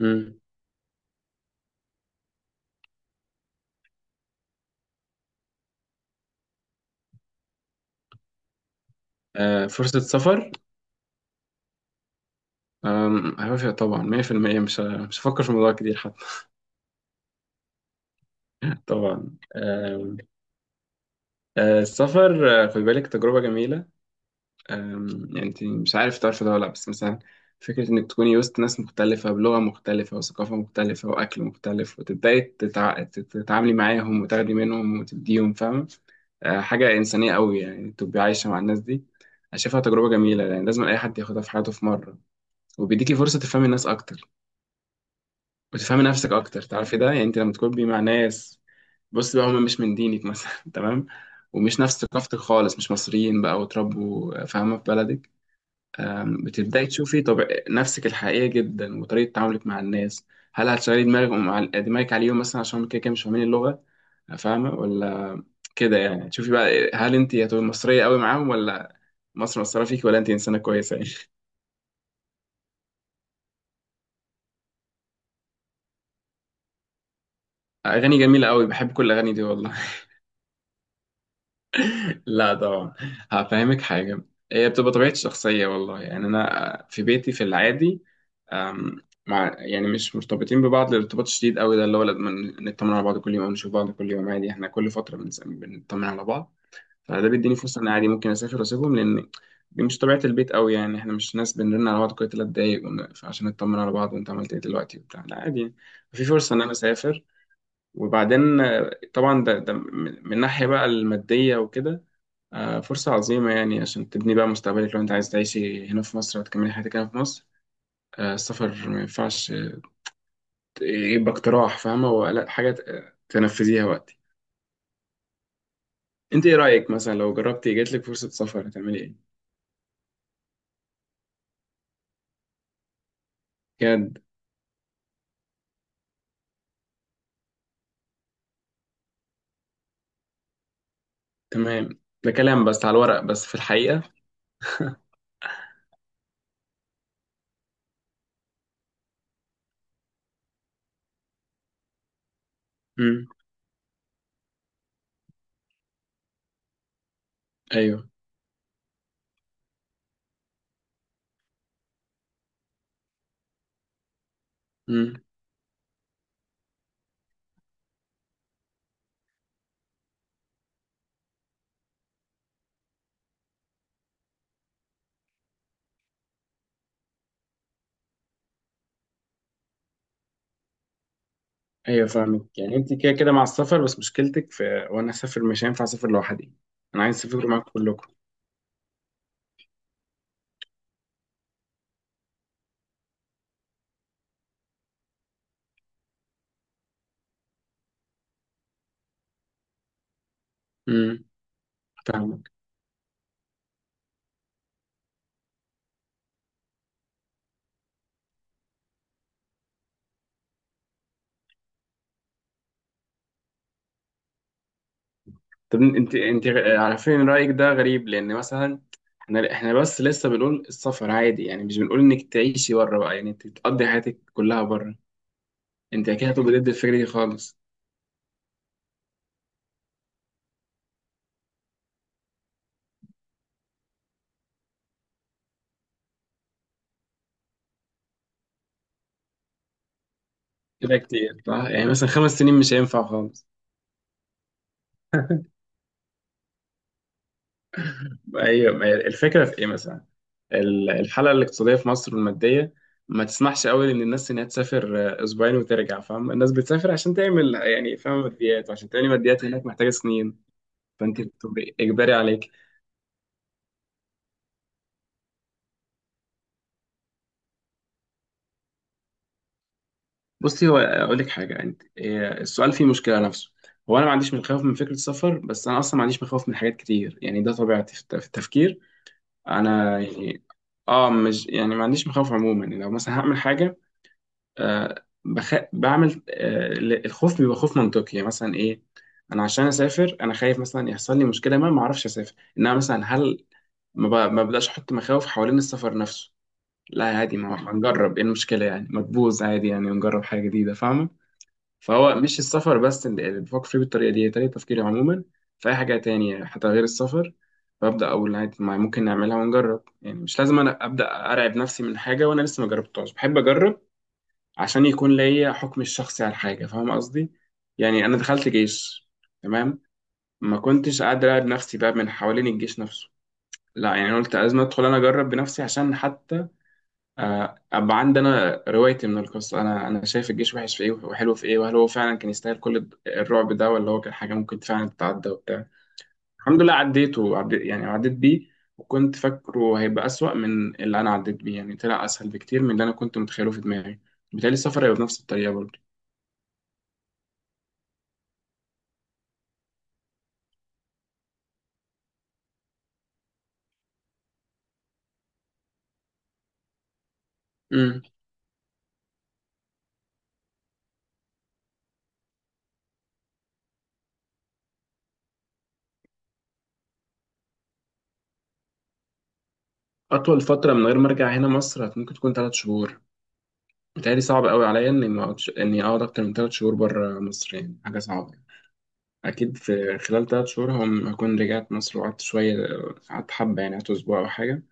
مم. آه، فرصة سفر. هوافق طبعا 100%. مش هفكر في الموضوع كتير حتى. طبعا. آه، السفر. خد بالك تجربة جميلة. يعني انت مش عارف تعرف ده ولا لأ، بس مثلا فكرة انك تكوني وسط ناس مختلفة بلغة مختلفة وثقافة مختلفة وأكل مختلف وتبدأي تتعاملي معاهم وتاخدي منهم وتديهم، فاهمة؟ حاجة إنسانية قوي يعني تبقي عايشة مع الناس دي. أنا شايفها تجربة جميلة يعني لازم أي حد ياخدها في حياته في مرة. وبيديكي فرصة تفهمي الناس أكتر. بتفهمي نفسك اكتر، تعرفي ده يعني، انت لما تكوني مع ناس، بص بقى، هم مش من دينك مثلا. تمام. ومش نفس ثقافتك خالص، مش مصريين بقى، وتربوا فاهمه في بلدك. بتبداي تشوفي طب نفسك الحقيقيه جدا، وطريقه تعاملك مع الناس. هل هتشغلي دماغك مع دماغك عليهم مثلا عشان كده كده مش فاهمين اللغه، فاهمه ولا؟ كده يعني، تشوفي بقى هل انت هتبقي مصريه قوي معاهم، ولا مصر مصرة فيك، ولا انت انسانه كويسه يعني. اغاني جميله قوي، بحب كل الاغاني دي والله. لا طبعا. هفهمك حاجة. هي بتبقى طبيعتي الشخصية والله، يعني أنا في بيتي في العادي، مع يعني مش مرتبطين ببعض الارتباط شديد قوي ده اللي هو لازم نطمن على بعض كل يوم أو نشوف بعض كل يوم. عادي، احنا كل فترة بنطمن على بعض. فده بيديني فرصة إن عادي ممكن أسافر وأسيبهم، لأن دي مش طبيعة البيت قوي، يعني احنا مش ناس بنرن على بعض كل تلات دقايق عشان نطمن على بعض وأنت عملت إيه دلوقتي وبتاع. لا، عادي، في فرصة إن أنا أسافر. وبعدين، طبعا ده من ناحية بقى المادية وكده، فرصة عظيمة يعني عشان تبني بقى مستقبلك. لو أنت عايز تعيشي هنا في مصر وتكملي حياتك هنا في مصر، السفر ما ينفعش، يبقى اقتراح فاهمة، هو لا حاجة تنفذيها وقتي. أنت إيه رأيك مثلا لو جربتي جاتلك فرصة سفر هتعملي إيه؟ بجد؟ تمام، ده كلام بس على الورق، بس في الحقيقة. مم. أيوه. مم. أيوه، فاهمك، يعني أنت كده كده مع السفر، بس مشكلتك في وأنا أسافر مش هينفع أسافر لوحدي. أنا عايز أسافر معاكم كلكم. مم. فاهمك. طب انت على فين؟ رأيك ده غريب، لان مثلا احنا بس لسه بنقول السفر عادي، يعني مش بنقول انك تعيشي بره بقى، يعني انت تقضي حياتك كلها بره. انت كده هتبقى ضد الفكرة دي خالص. كده كتير صح، يعني مثلا 5 سنين مش هينفع خالص. ايوه، ما هي الفكرة في ايه مثلا، الحالة الاقتصادية في مصر والمادية ما تسمحش قوي ان الناس انها تسافر اسبوعين وترجع. فاهم، الناس بتسافر عشان تعمل، يعني فاهم، ماديات، وعشان تعمل ماديات هناك محتاجة سنين. فانت بتبقي اجباري عليك. بصي، هو اقول لك حاجه، انت إيه، السؤال فيه مشكله نفسه. هو انا ما عنديش مخاوف من فكره السفر، بس انا اصلا ما عنديش مخاوف من حاجات كتير، يعني ده طبيعتي في في التفكير. انا يعني اه، مش يعني ما عنديش مخاوف عموما، يعني لو مثلا هعمل حاجه، بعمل، الخوف بيبقى خوف منطقي، يعني مثلا ايه، انا عشان اسافر انا خايف مثلا يحصل لي مشكله ما اعرفش اسافر. انما مثلا هل ما بداش احط مخاوف حوالين السفر نفسه. لا، عادي، ما هنجرب؟ ايه المشكله يعني؟ ما تبوظ، عادي يعني، نجرب حاجه جديده، فاهمه. فهو مش السفر بس اللي بفكر فيه بالطريقة دي، هي طريقة تفكيري عموما في أي حاجة تانية حتى غير السفر. فأبدأ أقول عادي، ما ممكن نعملها ونجرب، يعني مش لازم أنا أبدأ أرعب نفسي من حاجة وأنا لسه ما جربتهاش. بحب أجرب عشان يكون ليا حكم الشخصي على الحاجة، فاهم قصدي؟ يعني أنا دخلت جيش. تمام. ما كنتش قاعد أرعب نفسي بقى من حوالين الجيش نفسه. لا، يعني أنا قلت لازم أدخل أنا أجرب بنفسي عشان حتى ابقى عندي انا روايتي من القصه. انا شايف الجيش وحش في ايه وحلو في ايه، وهل هو فعلا كان يستاهل كل الرعب ده، ولا هو كان حاجه ممكن فعلا تتعدى وبتاع. الحمد لله عديته، عديت يعني عديت بيه. وكنت فاكره هيبقى اسوأ من اللي انا عديت بيه، يعني طلع اسهل بكتير من اللي انا كنت متخيله في دماغي. بالتالي السفر هيبقى بنفس الطريقه برضه. امم. اطول فتره من غير ما ارجع هنا مصر ممكن تكون 3 شهور. بالتالي صعب قوي عليا اني ما أقعدش- اني اقعد اكتر من 3 شهور بره مصر، يعني حاجه صعبه. أكيد في خلال 3 شهور هكون رجعت مصر وقعدت شوية، قعدت حبة، يعني قعدت أسبوع أو حاجة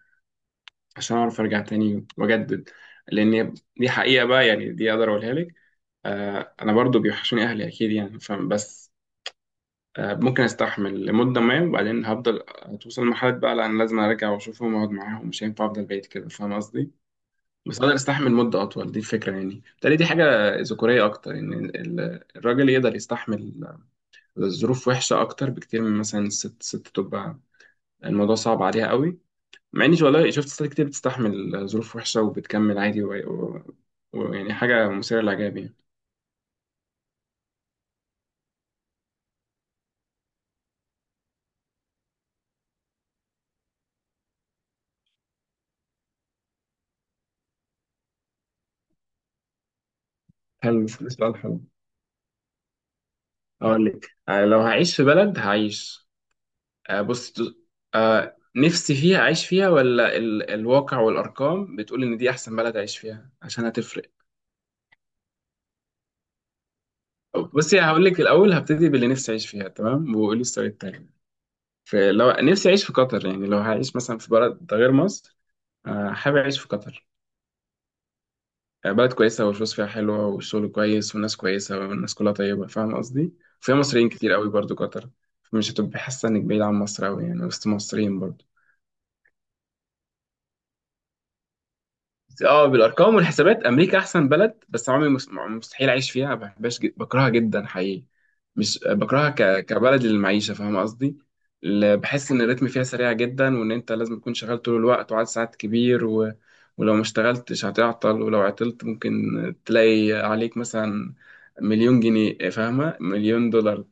عشان أعرف أرجع تاني وأجدد. لأن دي حقيقة بقى، يعني دي أقدر أقولها لك. آه، أنا برضو بيوحشوني أهلي أكيد، يعني فبس آه، ممكن أستحمل لمدة ما، وبعدين هفضل توصل لمرحلة بقى لأن لازم أرجع وأشوفهم وأقعد معاهم، مش هينفع أفضل بعيد كده، فاهم قصدي؟ بس أقدر أستحمل مدة أطول، دي الفكرة يعني. بالتالي دي حاجة ذكورية أكتر، إن الراجل يقدر يستحمل الظروف وحشة أكتر بكتير من مثلا الست، ست تبقى الموضوع صعب عليها قوي. مع إني والله شفت ستات كتير بتستحمل ظروف وحشة وبتكمل عادي ويعني ويعني حاجة مثيرة للإعجاب يعني. حلو، سؤال حلو. أقول لك، لو هعيش في بلد هعيش، بص، نفسي فيها أعيش فيها ولا الواقع والأرقام بتقول إن دي أحسن بلد أعيش فيها، عشان هتفرق. بصي، هقول لك الأول هبتدي باللي نفسي أعيش فيها، تمام، وقولي السؤال التاني. فلو نفسي أعيش في قطر، يعني لو هعيش مثلا في بلد غير مصر، حابب أعيش في قطر. بلد كويسة والفلوس فيها حلوة والشغل كويس والناس كويسة والناس كلها طيبة، فاهم قصدي؟ فيها مصريين كتير قوي برضو قطر، مش هتبقى حاسة إنك بعيد عن مصر أوي، يعني وسط مصريين برضو. اه، بالارقام والحسابات امريكا احسن بلد، بس عمري مستحيل اعيش فيها، ما بحبهاش، بكرهها جدا حقيقي. مش بكرهها كبلد للمعيشه، فاهم قصدي. بحس ان الريتم فيها سريع جدا، وان انت لازم تكون شغال طول الوقت وعدد ساعات كبير ولو ما اشتغلتش هتعطل، ولو عطلت ممكن تلاقي عليك مثلا مليون جنيه، فاهمه، مليون دولار.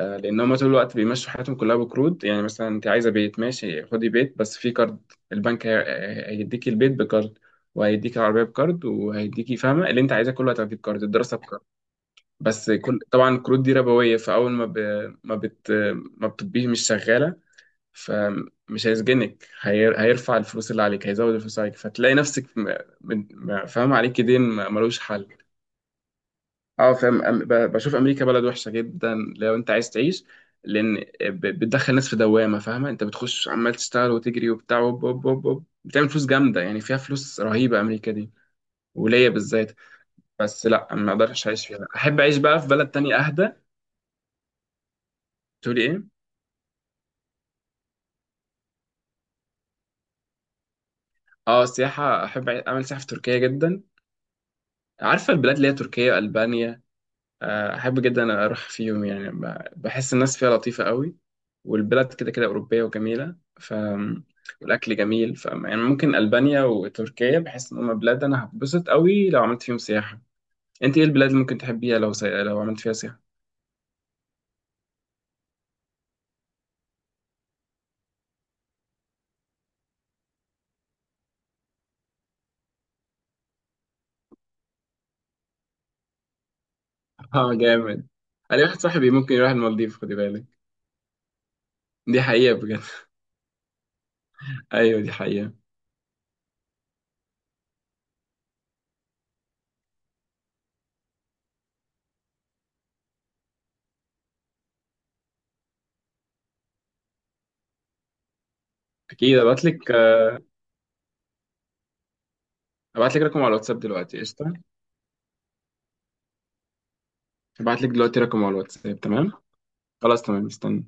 لان هم طول الوقت بيمشوا حياتهم كلها بقروض، يعني مثلا انت عايزه بيت، ماشي، خدي بيت بس في كارد. البنك هيديكي البيت بكارد، وهيديكي العربيه بكارد، وهيديكي فاهمه اللي انت عايزاه كله هتاخديه بكارد، الدراسه بكارد. بس كل طبعا الكروت دي ربويه، فاول ما ب... ما بت ما بتبقيه مش شغاله، فمش هيسجنك، هيرفع الفلوس اللي عليك، هيزود الفلوس عليك، فتلاقي نفسك فاهمه عليك دين ملوش حل. اه، فاهم، بشوف امريكا بلد وحشه جدا لو انت عايز تعيش، لان بتدخل ناس في دوامه، فاهمه، انت بتخش عمال تشتغل وتجري وبتاع وب وب وب وب. بتعمل فلوس جامده، يعني فيها فلوس رهيبه امريكا دي، وليا بالذات. بس لا، ما اقدرش اعيش فيها، احب اعيش بقى في بلد تانية اهدى. تقولي ايه؟ اه، سياحه، احب اعمل سياحه في تركيا جدا، عارفه البلاد اللي هي تركيا، البانيا. احب جدا اروح في يوم يعني، بحس الناس فيها لطيفه قوي، والبلاد كده كده اوروبيه وجميله، والاكل جميل، يعني ممكن البانيا وتركيا بحس ان هم بلاد انا هتبسط قوي لو عملت فيهم سياحه. انت ايه البلاد اللي ممكن تحبيها لو لو عملت فيها سياحه؟ اه، جامد. انا واحد صاحبي ممكن يروح المالديف، خدي بالك. دي حقيقه، بجد. ايوه، دي حقيقه. اكيد ابعت لك، ابعت لك رقم على الواتساب دلوقتي، قشطه. ابعت لك دلوقتي رقم على الواتساب. تمام. خلاص، تمام، استنى.